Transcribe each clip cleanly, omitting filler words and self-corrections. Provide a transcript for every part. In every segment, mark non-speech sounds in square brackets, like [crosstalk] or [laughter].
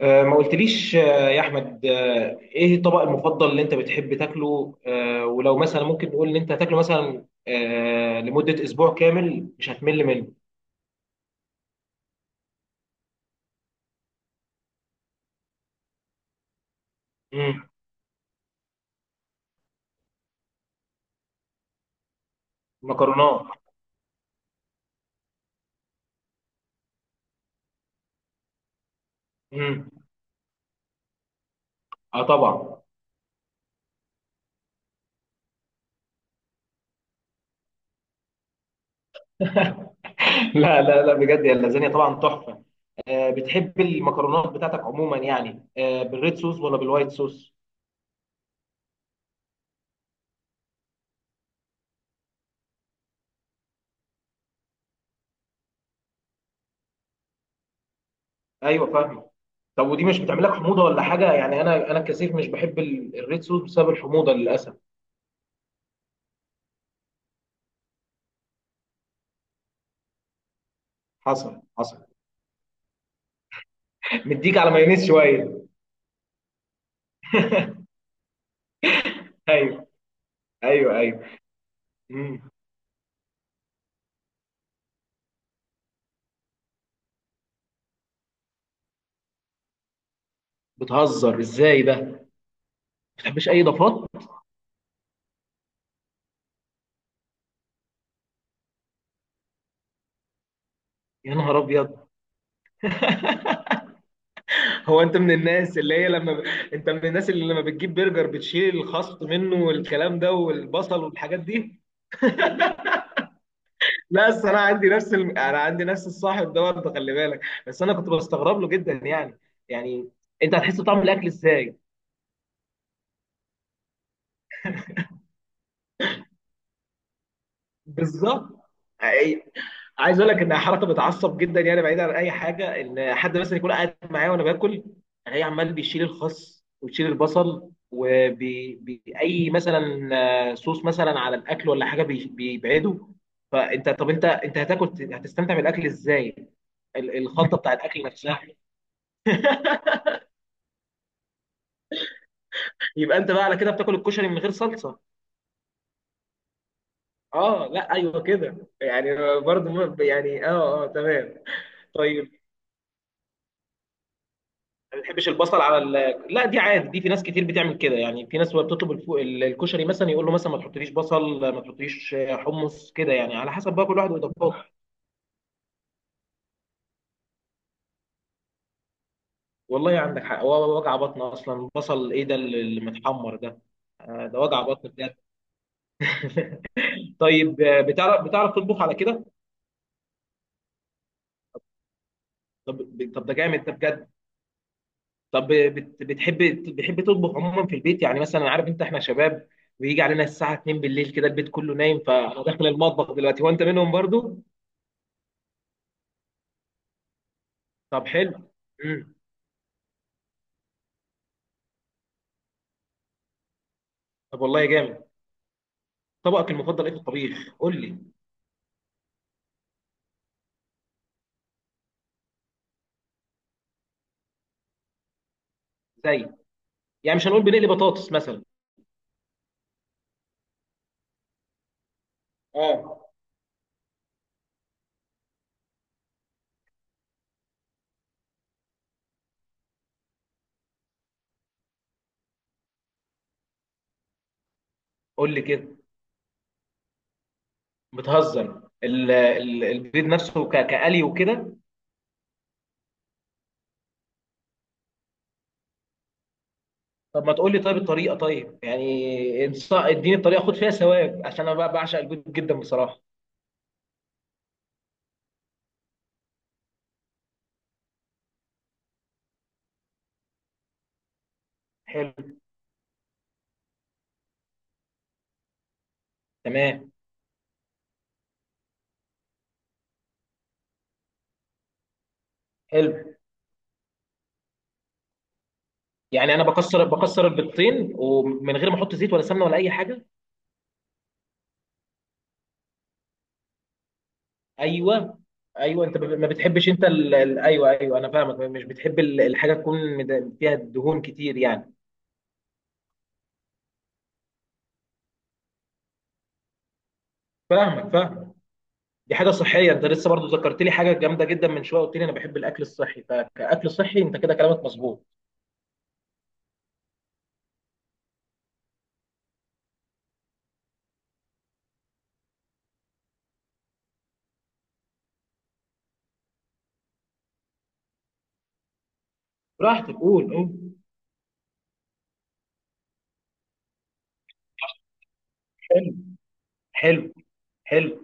ما قلتليش، يا احمد، ايه الطبق المفضل اللي انت بتحب تاكله؟ ولو مثلا ممكن نقول ان انت هتاكله مثلا لمدة اسبوع كامل مش هتمل منه. امم مكرونات. امم اه، طبعا. [laughs] لا لا لا، بجد يا اللازانيا طبعا تحفة. بتحب المكرونات بتاعتك عموما، يعني بالريد صوص ولا بالوايت صوص؟ ايوه فاهمه. طب ودي مش بتعمل لك حموضة ولا حاجة؟ يعني انا كثير مش بحب الريد صوص بسبب الحموضة للاسف. حصل حصل. مديك على مايونيز شويه. ايوه ايوه ايوه. امم بتهزر ازاي ده؟ ما بتحبش اي اضافات. يا نهار ابيض. [laughs] هو انت من الناس اللي هي لما انت من الناس اللي لما بتجيب برجر بتشيل الخس منه والكلام ده والبصل والحاجات دي. لا بس انا عندي نفس الصاحب ده برضه، خلي بالك. بس انا كنت بستغرب له جدا، يعني، يعني انت هتحس بطعم الاكل ازاي؟ بالظبط. عايز اقول لك ان حركه بتعصب جدا، يعني بعيدا عن اي حاجه، ان حد مثلا يكون قاعد معايا وانا باكل، الاقيه عمال بيشيل الخس ويشيل البصل وبأي مثلا صوص مثلا على الاكل ولا حاجه، بيبعده. فانت، طب انت هتستمتع بالاكل ازاي؟ الخلطه بتاع الاكل نفسها. يبقى انت بقى على كده بتاكل الكشري من غير صلصه؟ اه لا ايوه كده، يعني برضه يعني اه اه تمام. طيب ما بتحبش البصل على لا دي عادي، دي في ناس كتير بتعمل كده، يعني في ناس وهي بتطلب الكشري مثلا يقول له مثلا ما تحطليش بصل، ما تحطليش حمص، كده يعني على حسب بقى كل واحد واضافاته. والله عندك حق، هو وجع بطن اصلا بصل ايه ده اللي متحمر ده؟ ده وجع بطن بجد. طيب، بتعرف تطبخ على كده؟ طب طب ده جامد ده بجد. طب بتحب تطبخ عموما في البيت، يعني مثلا عارف انت احنا شباب، بيجي علينا الساعه 2 بالليل كده البيت كله نايم، فانا داخل المطبخ دلوقتي وانت منهم برضو. طب حلو. امم طب والله جامد. طبقك المفضل ايه في الطبيخ؟ قول لي. زي، يعني مش هنقول بنقلي بطاطس مثلا. اه، قول لي كده. بتهزر؟ البيض نفسه كقلي وكده؟ طب ما تقول لي طيب الطريقه، طيب يعني اديني الطريقه، خد فيها ثواب، عشان انا بقى بعشق البيض جدا بصراحه. حلو. تمام. حلو. يعني انا بكسر البيضتين ومن غير ما احط زيت ولا سمنه ولا اي حاجه؟ ايوه ايوه، انت ما بتحبش انت ايوه ايوه، انا فاهمك، مش بتحب الحاجه تكون فيها دهون كتير يعني. فاهمك فاهمك. دي حاجه صحيه، انت لسه برضو ذكرت لي حاجه جامده جدا من شويه، قلت لي انا بحب الاكل الصحي، فكاكل صحي انت كده كلامك مظبوط. براحتك قول قول. حلو حلو حلو.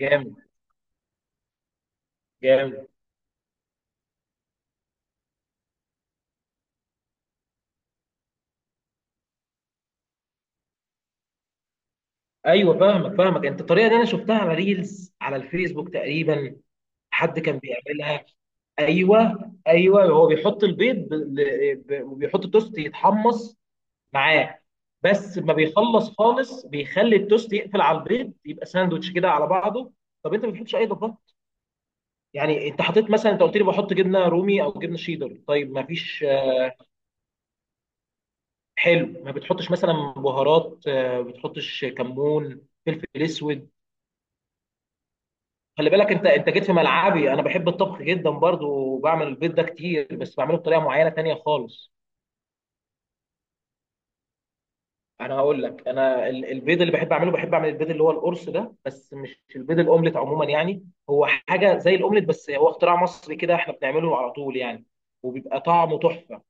جامد جامد. ايوه فاهمك فاهمك، انت الطريقه دي انا شفتها على ريلز على الفيسبوك تقريبا. حد كان بيعملها. ايوه ايوه، هو بيحط البيض وبيحط التوست يتحمص معاه، بس ما بيخلص خالص، بيخلي التوست يقفل على البيض، يبقى ساندوتش كده على بعضه. طب انت ما بتحطش اي اضافات؟ يعني انت حطيت مثلا، انت قلت لي بحط جبنه رومي او جبنه شيدر، طيب ما فيش حلو ما بتحطش مثلا بهارات؟ ما بتحطش كمون، فلفل اسود؟ خلي بالك انت جيت في ملعبي، انا بحب الطبخ جدا برضو، وبعمل البيض ده كتير، بس بعمله بطريقه معينه تانية خالص. انا هقول لك، انا البيض اللي بحب اعمل البيض اللي هو القرص ده، بس مش البيض الاومليت، عموما يعني هو حاجه زي الاومليت، بس هو اختراع مصري كده، احنا بنعمله على طول يعني، وبيبقى طعمه تحفه.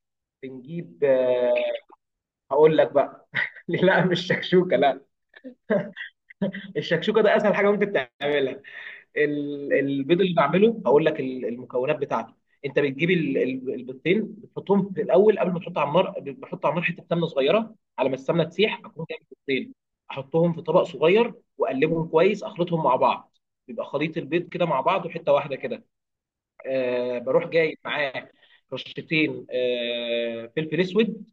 بنجيب آه، هقول لك بقى. [laughs] لا مش شكشوكه لا. الشكشوكه ده اسهل حاجه ممكن تعملها. البيض اللي بعمله، هقول لك المكونات بتاعته. انت بتجيب البيضتين، بتحطهم في الاول قبل ما تحط على النار، بحط على النار حته سمنه صغيره، على ما السمنه تسيح اكون جايب البيضتين، احطهم في طبق صغير واقلبهم كويس، اخلطهم مع بعض، بيبقى خليط البيض كده مع بعض وحته واحده كده. بروح جايب معاه رشتين، فلفل اسود،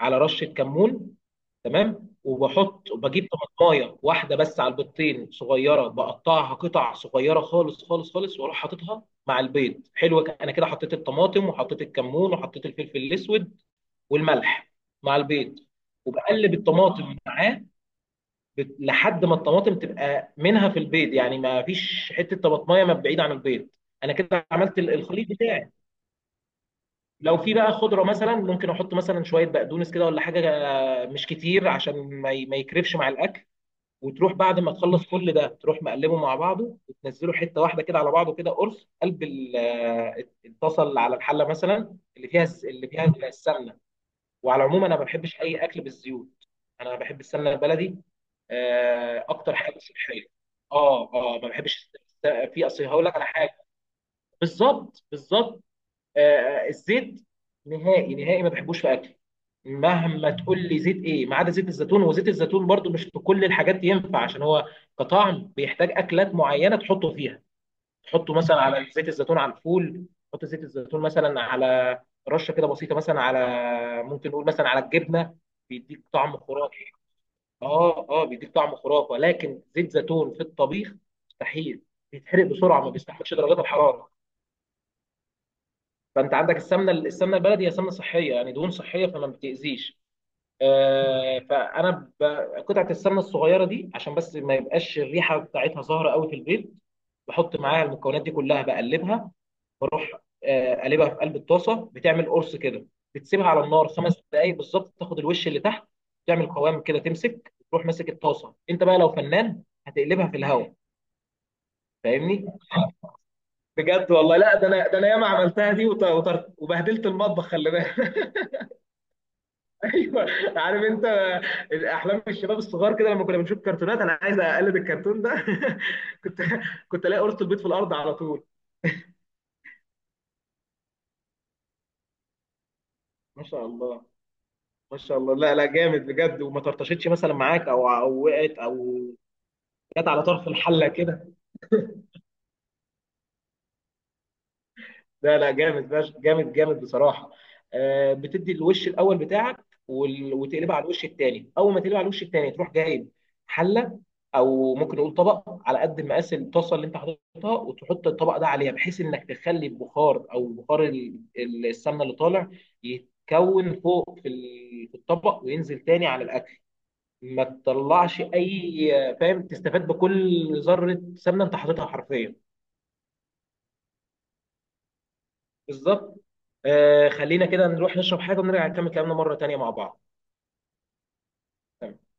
على رشه كمون. تمام. وبحط وبجيب طماطمايه واحده بس على البيضتين صغيره، بقطعها قطع صغيره خالص خالص خالص، واروح حاططها مع البيض. حلو، انا كده حطيت الطماطم وحطيت الكمون وحطيت الفلفل الاسود والملح مع البيض، وبقلب الطماطم معاه لحد ما الطماطم تبقى منها في البيض، يعني ما فيش حته طماطمايه ما بعيد عن البيض. انا كده عملت الخليط بتاعي. لو في بقى خضره مثلا ممكن احط مثلا شويه بقدونس كده ولا حاجه، مش كتير عشان ما يكرفش مع الاكل. وتروح بعد ما تخلص كل ده تروح مقلبه مع بعضه وتنزله حته واحده كده على بعضه كده، قرص. قلب اتصل على الحله مثلا اللي فيها اللي فيها السمنه. وعلى العموم انا ما بحبش اي اكل بالزيوت، انا بحب السمنه البلدي، اكتر حاجه صحيه. اه اه، ما بحبش في اصل هقول لك على حاجه. بالظبط بالظبط. الزيت نهائي نهائي ما بحبوش في اكل، مهما تقول لي زيت ايه، ما عدا زيت الزيتون، وزيت الزيتون برضو مش في كل الحاجات ينفع، عشان هو كطعم بيحتاج اكلات معينه تحطه فيها. تحطه مثلا على، زيت الزيتون على الفول، تحط زيت الزيتون مثلا على رشه كده بسيطه مثلا على، ممكن نقول مثلا على الجبنه، بيديك طعم خرافي. اه اه، بيديك طعم خرافه، لكن زيت زيتون في الطبيخ مستحيل، بيتحرق بسرعه، ما بيستحملش درجات الحراره. فانت عندك السمنه، السمنه البلدي هي سمنه صحيه يعني، دهون صحيه، فما بتاذيش. آه، فانا ب... قطعه السمنه الصغيره دي عشان بس ما يبقاش الريحه بتاعتها ظاهره قوي في البيض، بحط معاها المكونات دي كلها، بقلبها بروح قلبها في قلب الطاسه، بتعمل قرص كده، بتسيبها على النار 5 دقائق بالظبط، تاخد الوش اللي تحت، تعمل قوام كده، تمسك تروح ماسك الطاسه انت بقى لو فنان هتقلبها في الهواء. فاهمني. بجد والله. لا، ده انا ياما عملتها دي وبهدلت المطبخ، خلي بالك. ايوه. عارف انت، احلام الشباب الصغار كده لما كنا بنشوف كرتونات، انا عايز اقلد الكرتون ده. [laughs] كنت كنت الاقي قرص البيض في الارض على طول. ما شاء الله ما شاء الله. لا لا جامد بجد، وما طرطشتش مثلا معاك او وقعت او. جت على طرف الحله كده لا لا جامد جامد جامد بصراحه. بتدي الوش الاول بتاعك وتقلبها على الوش الثاني، اول ما تقلبها على الوش الثاني تروح جايب حله او ممكن نقول طبق على قد مقاس الطاسه اللي انت حاططها، وتحط الطبق ده عليها، بحيث انك تخلي البخار او بخار السمنه اللي طالع يتكون فوق في في الطبق، وينزل تاني على الاكل، ما تطلعش اي، فاهم، تستفاد بكل ذره سمنه انت حاططها حرفيا. بالظبط. خلينا كده نروح نشرب حاجة ونرجع نكمل كلامنا مرة تانية مع بعض. تمام.